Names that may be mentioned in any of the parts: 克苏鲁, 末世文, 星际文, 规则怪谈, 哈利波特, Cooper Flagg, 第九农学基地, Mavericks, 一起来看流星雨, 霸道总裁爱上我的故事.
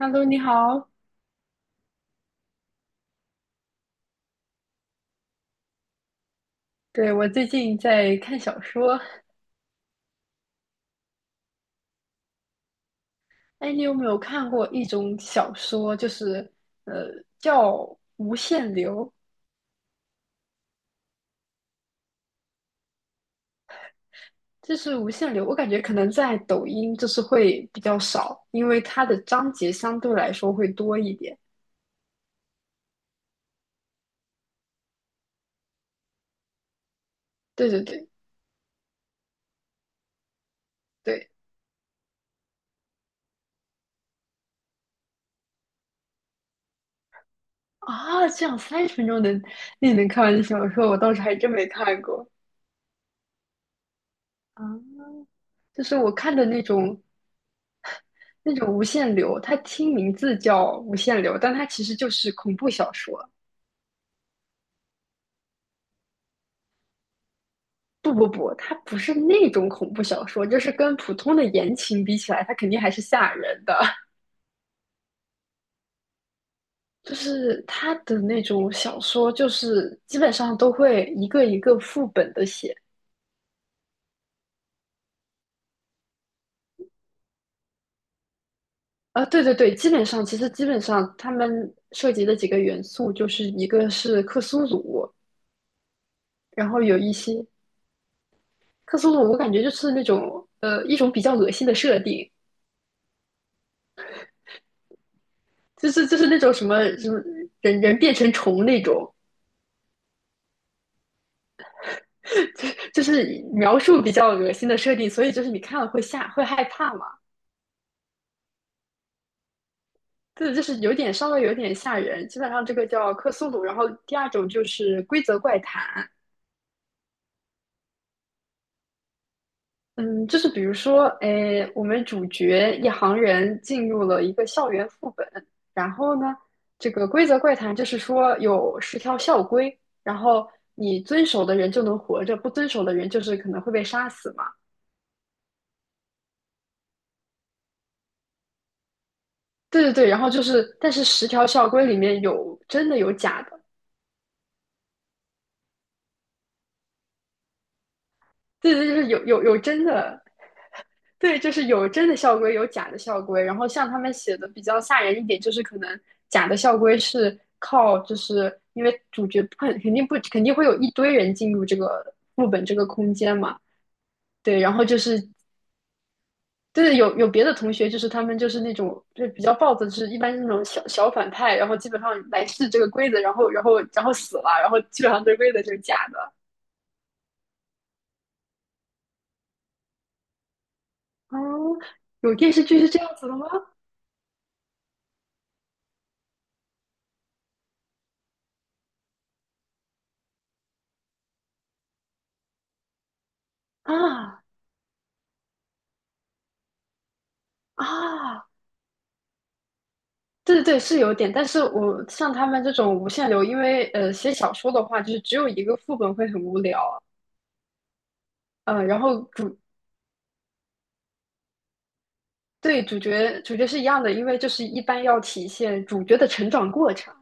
Hello，你好。对，我最近在看小说，哎，你有没有看过一种小说，就是呃叫《无限流》？就是《无限流》，我感觉可能在抖音就是会比较少，因为它的章节相对来说会多一点。对对对对啊，这样30分钟你能看完的小说，我倒是还真没看过啊。就是我看的那种无限流，它听名字叫无限流，但它其实就是恐怖小说。不不不，它不是那种恐怖小说，就是跟普通的言情比起来，它肯定还是吓人的。就是它的那种小说，就是基本上都会一个一个副本的写。啊，对对对，基本上其实基本上他们涉及的几个元素，就是一个是克苏鲁，然后有一些克苏鲁，我感觉就是那种一种比较恶心的设定，就是那种什么什么人人变成虫那种，就是描述比较恶心的设定，所以就是你看了会吓，会害怕嘛？对，就是稍微有点吓人。基本上这个叫克苏鲁，然后第二种就是规则怪谈。嗯，就是比如说，诶，哎我们主角一行人进入了一个校园副本，然后呢，这个规则怪谈就是说有十条校规，然后你遵守的人就能活着，不遵守的人就是可能会被杀死嘛。对对对，然后就是，但是十条校规里面有真的有假的。对对，就是有真的，对，就是有真的校规，有假的校规。然后像他们写的比较吓人一点，就是可能假的校规是靠，就是因为主角不肯肯定不肯定会有一堆人进入这个副本这个空间嘛，对，然后就是对有别的同学，就是他们就是那种就比较暴躁，就是一般是那种小小反派，然后基本上来试这个规则，然后死了，然后基本上这个规则就是假的。哦，有电视剧是这样子的吗？啊啊！对对对，是有点，但是我像他们这种无限流，因为写小说的话，就是只有一个副本会很无聊，然后主角是一样的，因为就是一般要体现主角的成长过程。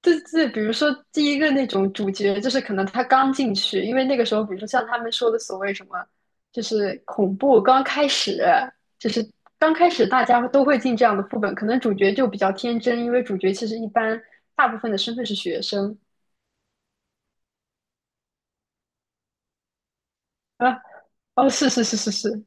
对对，比如说第一个那种主角，就是可能他刚进去，因为那个时候，比如说像他们说的所谓什么，就是恐怖刚开始，就是刚开始大家都会进这样的副本，可能主角就比较天真，因为主角其实一般大部分的身份是学生。啊。哦，是是是是是，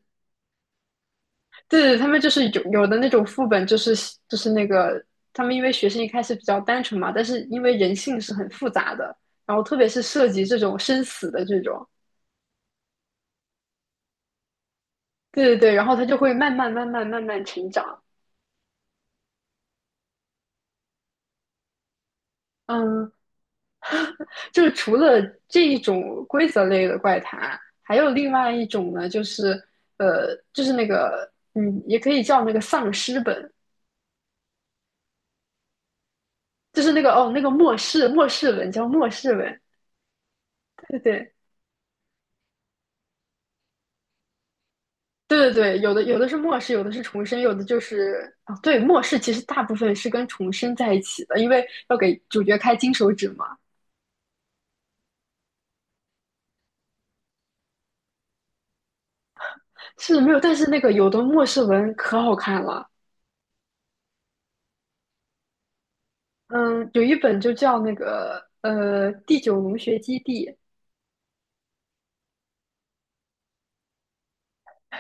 对，对，他们就是有的那种副本，就是那个他们因为学生一开始比较单纯嘛，但是因为人性是很复杂的，然后特别是涉及这种生死的这种，对对对，然后他就会慢慢慢慢慢慢成长。嗯，就是除了这一种规则类的怪谈，还有另外一种呢，就是就是那个也可以叫那个丧尸本，就是那个那个末世文叫末世文，对对对对对，有的是末世，有的是重生，有的就是啊，对，末世其实大部分是跟重生在一起的，因为要给主角开金手指嘛。是没有，但是那个有的末世文可好看了，嗯，有一本就叫那个第九农学基地，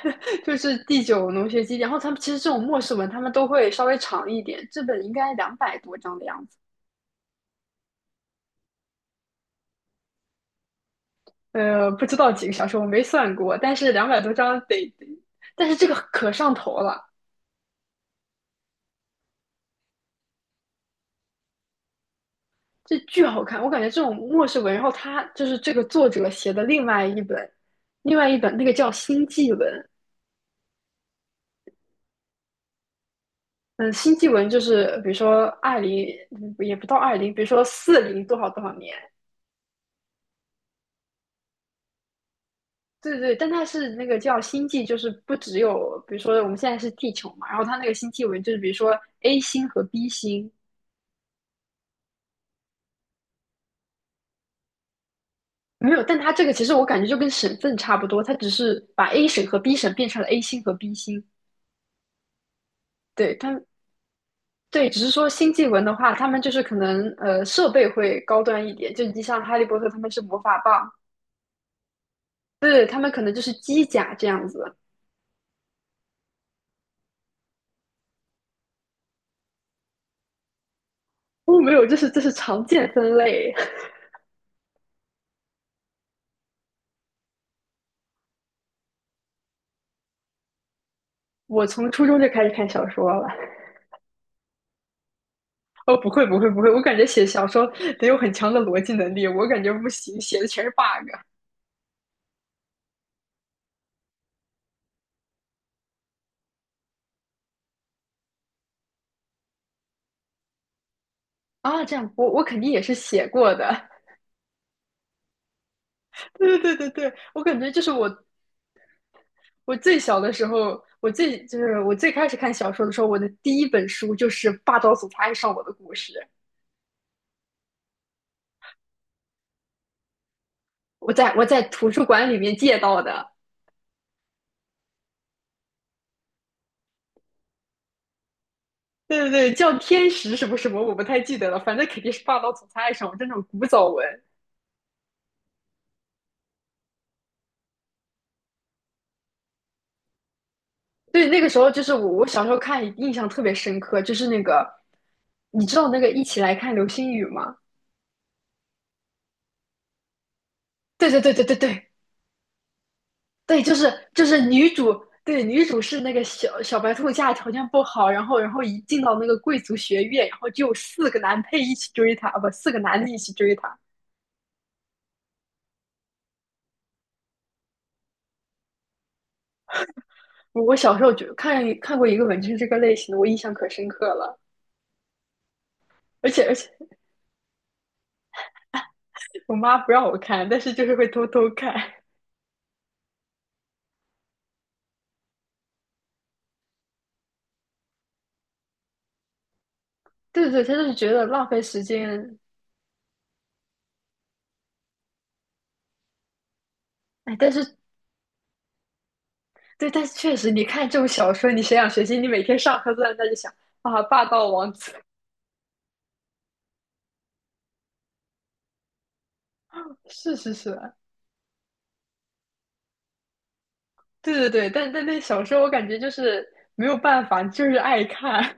就是第九农学基地。然后他们其实这种末世文，他们都会稍微长一点，这本应该两百多章的样子，不知道几个小时，我没算过，但是两百多章但是这个可上头了。这巨好看，我感觉这种末世文，然后他就是这个作者写的另外一本，另外一本那个叫星际文，嗯，星际文就是比如说二零，也不到二零，比如说四零多少多少年，对对，但它是那个叫星际，就是不只有比如说我们现在是地球嘛，然后它那个星际文就是比如说 A 星和 B 星没有，但它这个其实我感觉就跟省份差不多，它只是把 A 省和 B 省变成了 A 星和 B 星，对，只是说星际文的话，他们就是可能设备会高端一点，就你像哈利波特他们是魔法棒，对，他们可能就是机甲这样子。哦，没有，这是这是常见分类。我从初中就开始看小说了。哦，不会不会不会，我感觉写小说得有很强的逻辑能力，我感觉不行，写的全是 bug 啊。这样，我肯定也是写过的。对对对对对，我感觉就是我最小的时候，我最开始看小说的时候，我的第一本书就是《霸道总裁爱上我的故事》，我在图书馆里面借到的。对对对，叫天使什么什么，我不太记得了，反正肯定是《霸道总裁爱上我》这种古早文。对，那个时候就是我，我小时候看印象特别深刻，就是那个，你知道那个《一起来看流星雨》吗？对对对对对对，对，就是女主，对，女主是那个小小白兔家里条件不好，然后一进到那个贵族学院，然后就有4个男配一起追她，啊不，4个男的一起追她。我小时候就看看过一个文就是这个类型的，我印象可深刻了。而且我妈不让我看，但是就是会偷偷看。对对，她就是觉得浪费时间。哎，但是对，但是确实，你看这种小说，你谁想学习？你每天上课都在那里想啊，霸道王子。是是是，对对对，但那小说我感觉就是没有办法，就是爱看。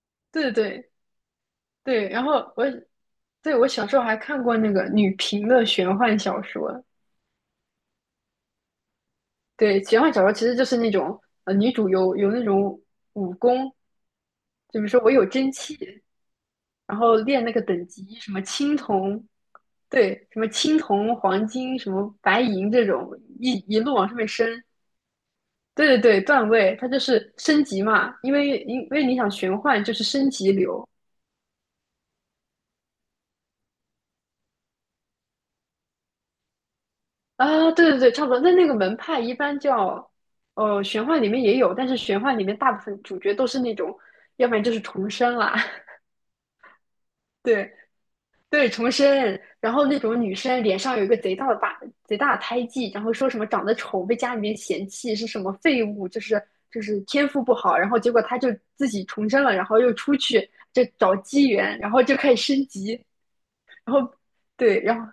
对对对，然后我小时候还看过那个女频的玄幻小说。对，玄幻小说其实就是那种女主有那种武功，就比如说我有真气，然后练那个等级，什么青铜，对，什么青铜、黄金、什么白银这种，一路往上面升。对对对，段位它就是升级嘛，因为因为你想玄幻就是升级流啊，对对对，差不多。那那个门派一般叫，玄幻里面也有，但是玄幻里面大部分主角都是那种，要不然就是重生啦，对对，重生，然后那种女生脸上有一个贼大的疤，贼大的胎记，然后说什么长得丑被家里面嫌弃是什么废物，就是就是天赋不好，然后结果她就自己重生了，然后又出去就找机缘，然后就开始升级。然后对，然后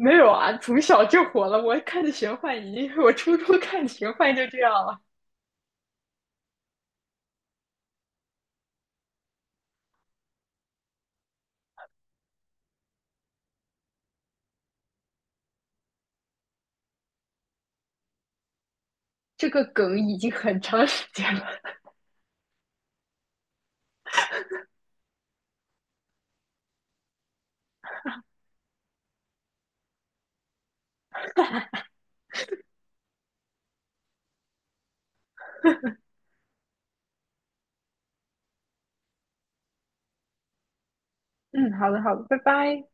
没有啊，从小就火了。我看的玄幻已经是 我初中看的玄幻就这样了，这个梗已经很长时间了。嗯，好的，好的，拜拜。